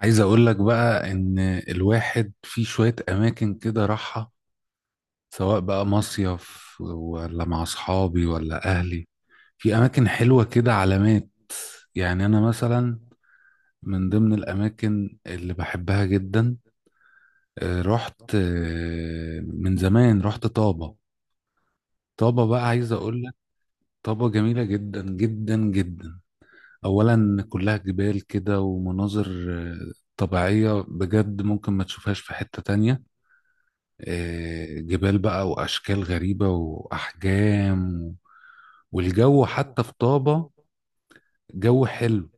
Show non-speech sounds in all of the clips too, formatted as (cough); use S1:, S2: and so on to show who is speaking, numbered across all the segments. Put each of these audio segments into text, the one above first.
S1: عايز اقول لك بقى ان الواحد في شوية اماكن كده راحة، سواء بقى مصيف ولا مع اصحابي ولا اهلي. في اماكن حلوة كده علامات. يعني انا مثلا من ضمن الاماكن اللي بحبها جدا، رحت من زمان رحت طابة. طابة بقى عايز اقول لك، طابة جميلة جدا جدا جدا. اولا كلها جبال كده ومناظر طبيعية بجد، ممكن ما تشوفهاش في حتة تانية. جبال بقى وأشكال غريبة وأحجام. والجو حتى في طابة جو حلو،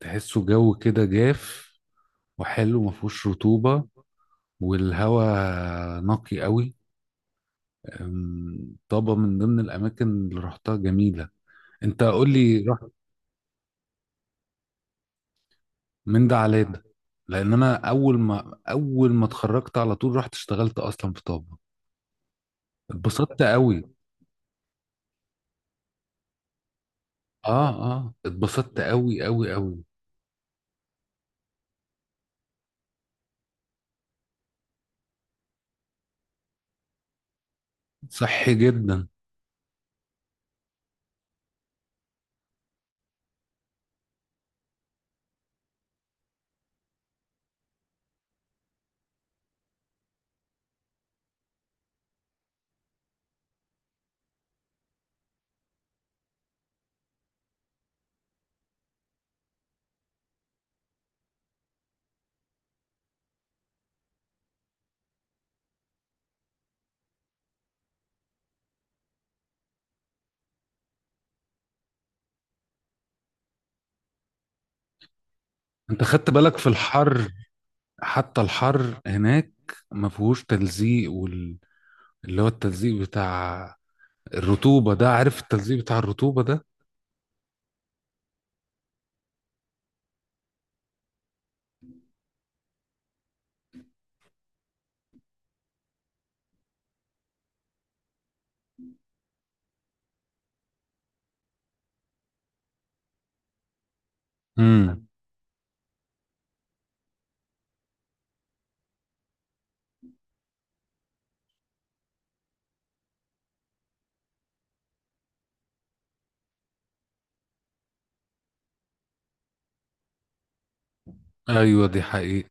S1: تحسه جو كده جاف وحلو مفهوش رطوبة، والهواء نقي قوي. طابة من ضمن الأماكن اللي رحتها جميلة. أنت قول لي، رحت من ده على ده؟ لأن أنا أول ما اتخرجت على طول رحت اشتغلت أصلا في طابة، اتبسطت قوي. اه، اه، اتبسطت قوي قوي قوي. صحي جدا. انت خدت بالك في الحر؟ حتى الحر هناك ما فيهوش تلزيق اللي هو التلزيق بتاع الرطوبة ده، عارف التلزيق بتاع الرطوبة ده؟ امم. ايوه دي حقيقة.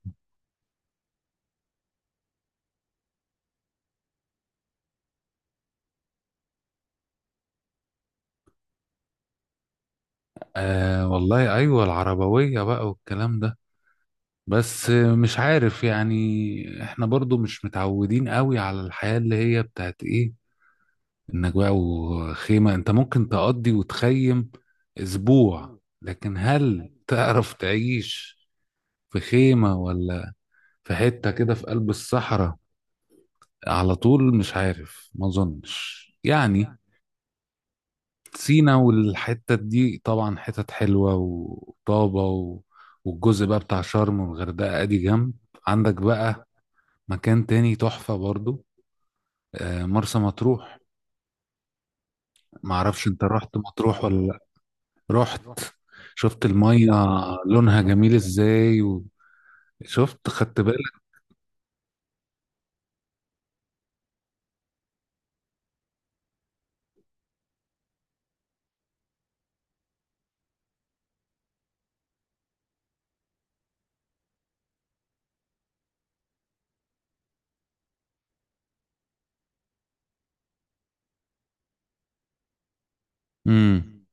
S1: آه والله ايوه، العربوية بقى والكلام ده، بس مش عارف، يعني احنا برضو مش متعودين قوي على الحياة اللي هي بتاعت ايه، انك بقى وخيمة. انت ممكن تقضي وتخيم اسبوع، لكن هل تعرف تعيش في خيمة ولا في حتة كده في قلب الصحراء على طول؟ مش عارف ما اظنش يعني. سينا والحتة دي طبعا حتت حلوة، وطابة والجزء بقى بتاع شرم والغردقة ادي جنب. عندك بقى مكان تاني تحفة برضو، مرسى مطروح. معرفش انت رحت مطروح ولا لأ. رحت، شفت المية لونها جميل ازاي؟ وشفت، خدت بالك؟ امم.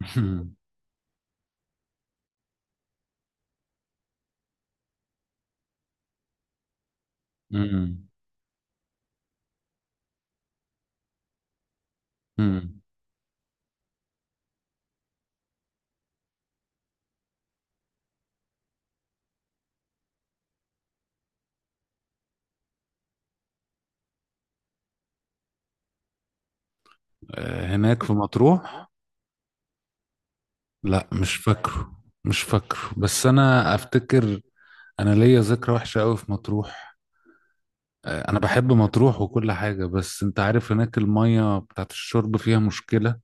S1: (laughs) امم. أمم. هناك في مطروح. لا مش فاكره، مش فاكره بس انا افتكر. انا ليا ذكرى وحشة قوي في مطروح. انا بحب مطروح وكل حاجة، بس انت عارف هناك المية بتاعت الشرب فيها مشكلة.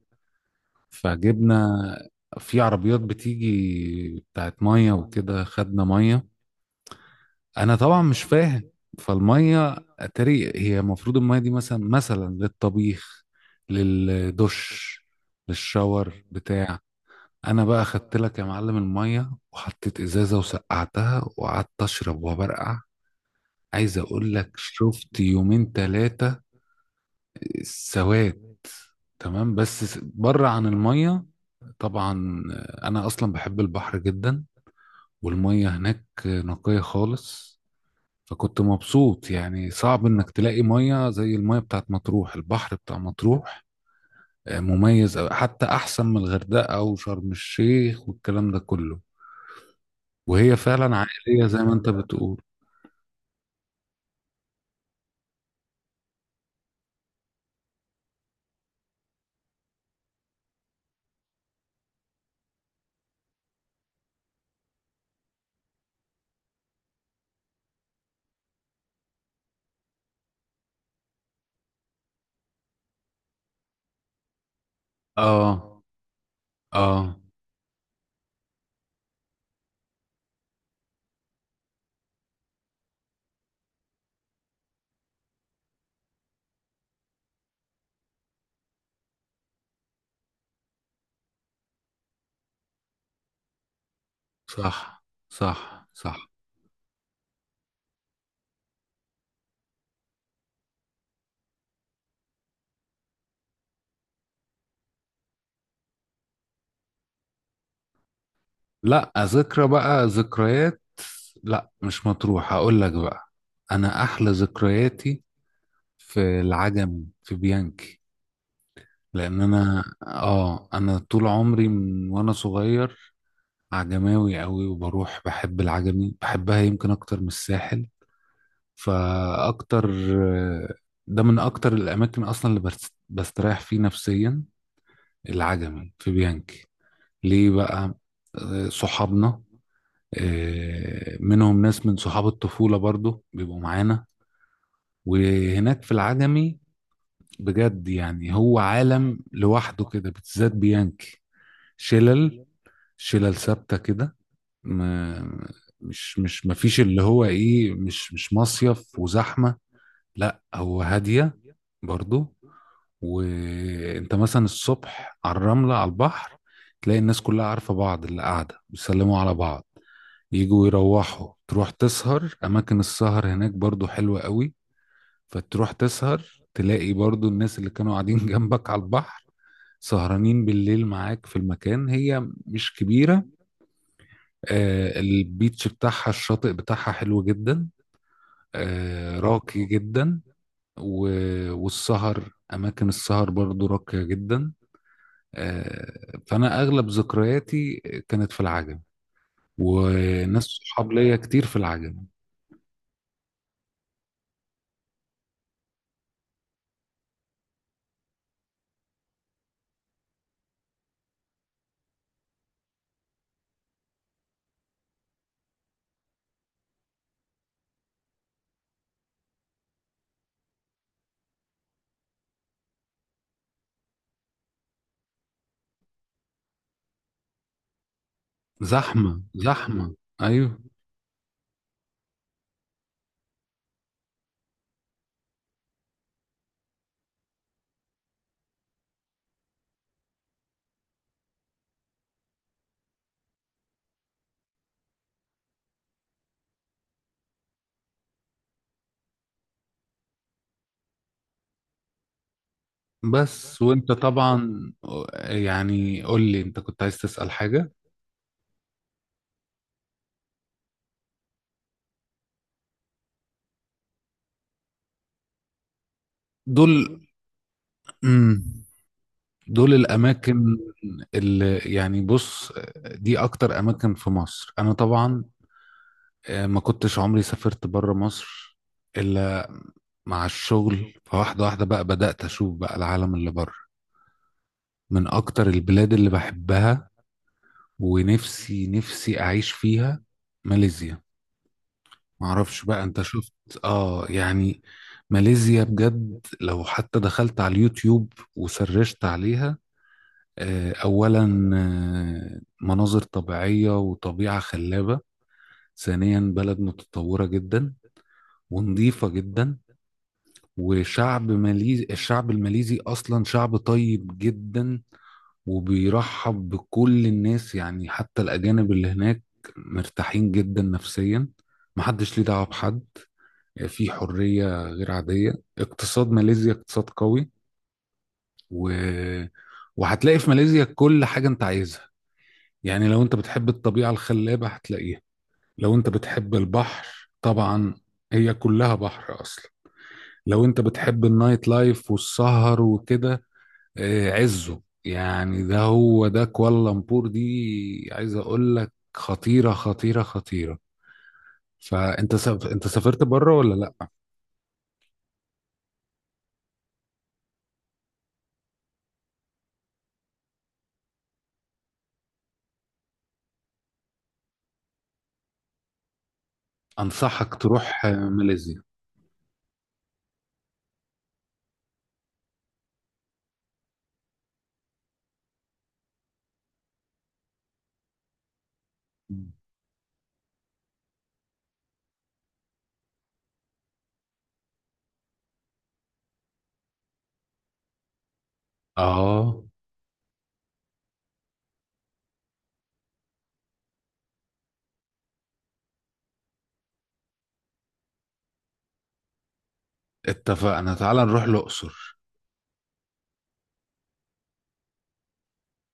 S1: فجبنا في عربيات بتيجي بتاعت مية وكده، خدنا مية، انا طبعا مش فاهم. فالمية اتاري هي المفروض المية دي مثلا للطبيخ، للدش، للشاور بتاع. انا بقى خدت لك يا معلم الميه وحطيت ازازه وسقعتها وقعدت اشرب وبرقع. عايز اقول لك شفت يومين ثلاثه سواد. تمام بس بره عن الميه. طبعا انا اصلا بحب البحر جدا، والميه هناك نقيه خالص، فكنت مبسوط. يعني صعب انك تلاقي ميه زي الميه بتاعت مطروح، البحر بتاع مطروح مميز أوي، حتى احسن من الغردقه او شرم الشيخ والكلام ده كله. وهي فعلا عائلية زي ما انت بتقول. اه، اه. صح، صح، صح. لا، ذكرى بقى، ذكريات، لا مش مطروح، هقول لك بقى. انا احلى ذكرياتي في العجمي، في بيانكي. لان انا انا طول عمري من وانا صغير عجماوي قوي، وبروح بحب العجمي، بحبها يمكن اكتر من الساحل. فاكتر، ده من اكتر الاماكن اصلا اللي بستريح فيه نفسيا، العجمي في بيانكي. ليه بقى؟ صحابنا، منهم ناس من صحاب الطفولة برضو بيبقوا معانا، وهناك في العجمي بجد يعني هو عالم لوحده كده، بالذات بيانكي. شلل شلل ثابتة كده. ما- مش مش مفيش، اللي هو ايه، مش مصيف وزحمة، لا هو هادية برضو. وانت مثلا الصبح على الرملة على البحر، تلاقي الناس كلها عارفة بعض، اللي قاعدة بيسلموا على بعض، يجوا يروحوا. تروح تسهر أماكن السهر هناك برضو حلوة قوي. فتروح تسهر، تلاقي برضو الناس اللي كانوا قاعدين (laughs) جنبك على البحر سهرانين بالليل معاك في المكان، هي مش كبيرة. البيتش بتاعها، الشاطئ بتاعها حلو جدا، راقي جدا و... والسهر، أماكن السهر برضو راقية جدا. آه، فانا اغلب ذكرياتي كانت في العجم، وناس صحاب ليا كتير في العجم. زحمه، زحمه، ايوه. بس وانت طبعا، يعني قول لي انت كنت عايز تسأل حاجه. دول، مم، دول الاماكن اللي، يعني بص، دي اكتر اماكن في مصر. انا طبعا ما كنتش عمري سافرت بره مصر الا مع الشغل، فواحده واحده بقى بدأت اشوف بقى العالم اللي بره. من أكتر البلاد اللي بحبها ونفسي نفسي أعيش فيها، ماليزيا. معرفش بقى أنت شفت؟ يعني ماليزيا بجد، لو حتى دخلت على اليوتيوب وسرشت عليها، أولا مناظر طبيعية وطبيعة خلابة، ثانيا بلد متطورة جدا ونظيفة جدا. وشعب ماليزي، الشعب الماليزي أصلا شعب طيب جدا وبيرحب بكل الناس، يعني حتى الأجانب اللي هناك مرتاحين جدا نفسيا، محدش ليه دعوة بحد، في حرية غير عادية. اقتصاد ماليزيا اقتصاد قوي و... وهتلاقي في ماليزيا كل حاجة انت عايزها. يعني لو انت بتحب الطبيعة الخلابة هتلاقيها، لو انت بتحب البحر طبعا هي كلها بحر أصلا، لو انت بتحب النايت لايف والسهر وكده، عزه يعني، ده هو ده كوالالمبور دي، عايز اقول لك خطيرة خطيرة خطيرة. فانت انت سافرت بره ولا لا؟ انصحك تروح ماليزيا. اه، اتفقنا، تعال نروح الاقصر.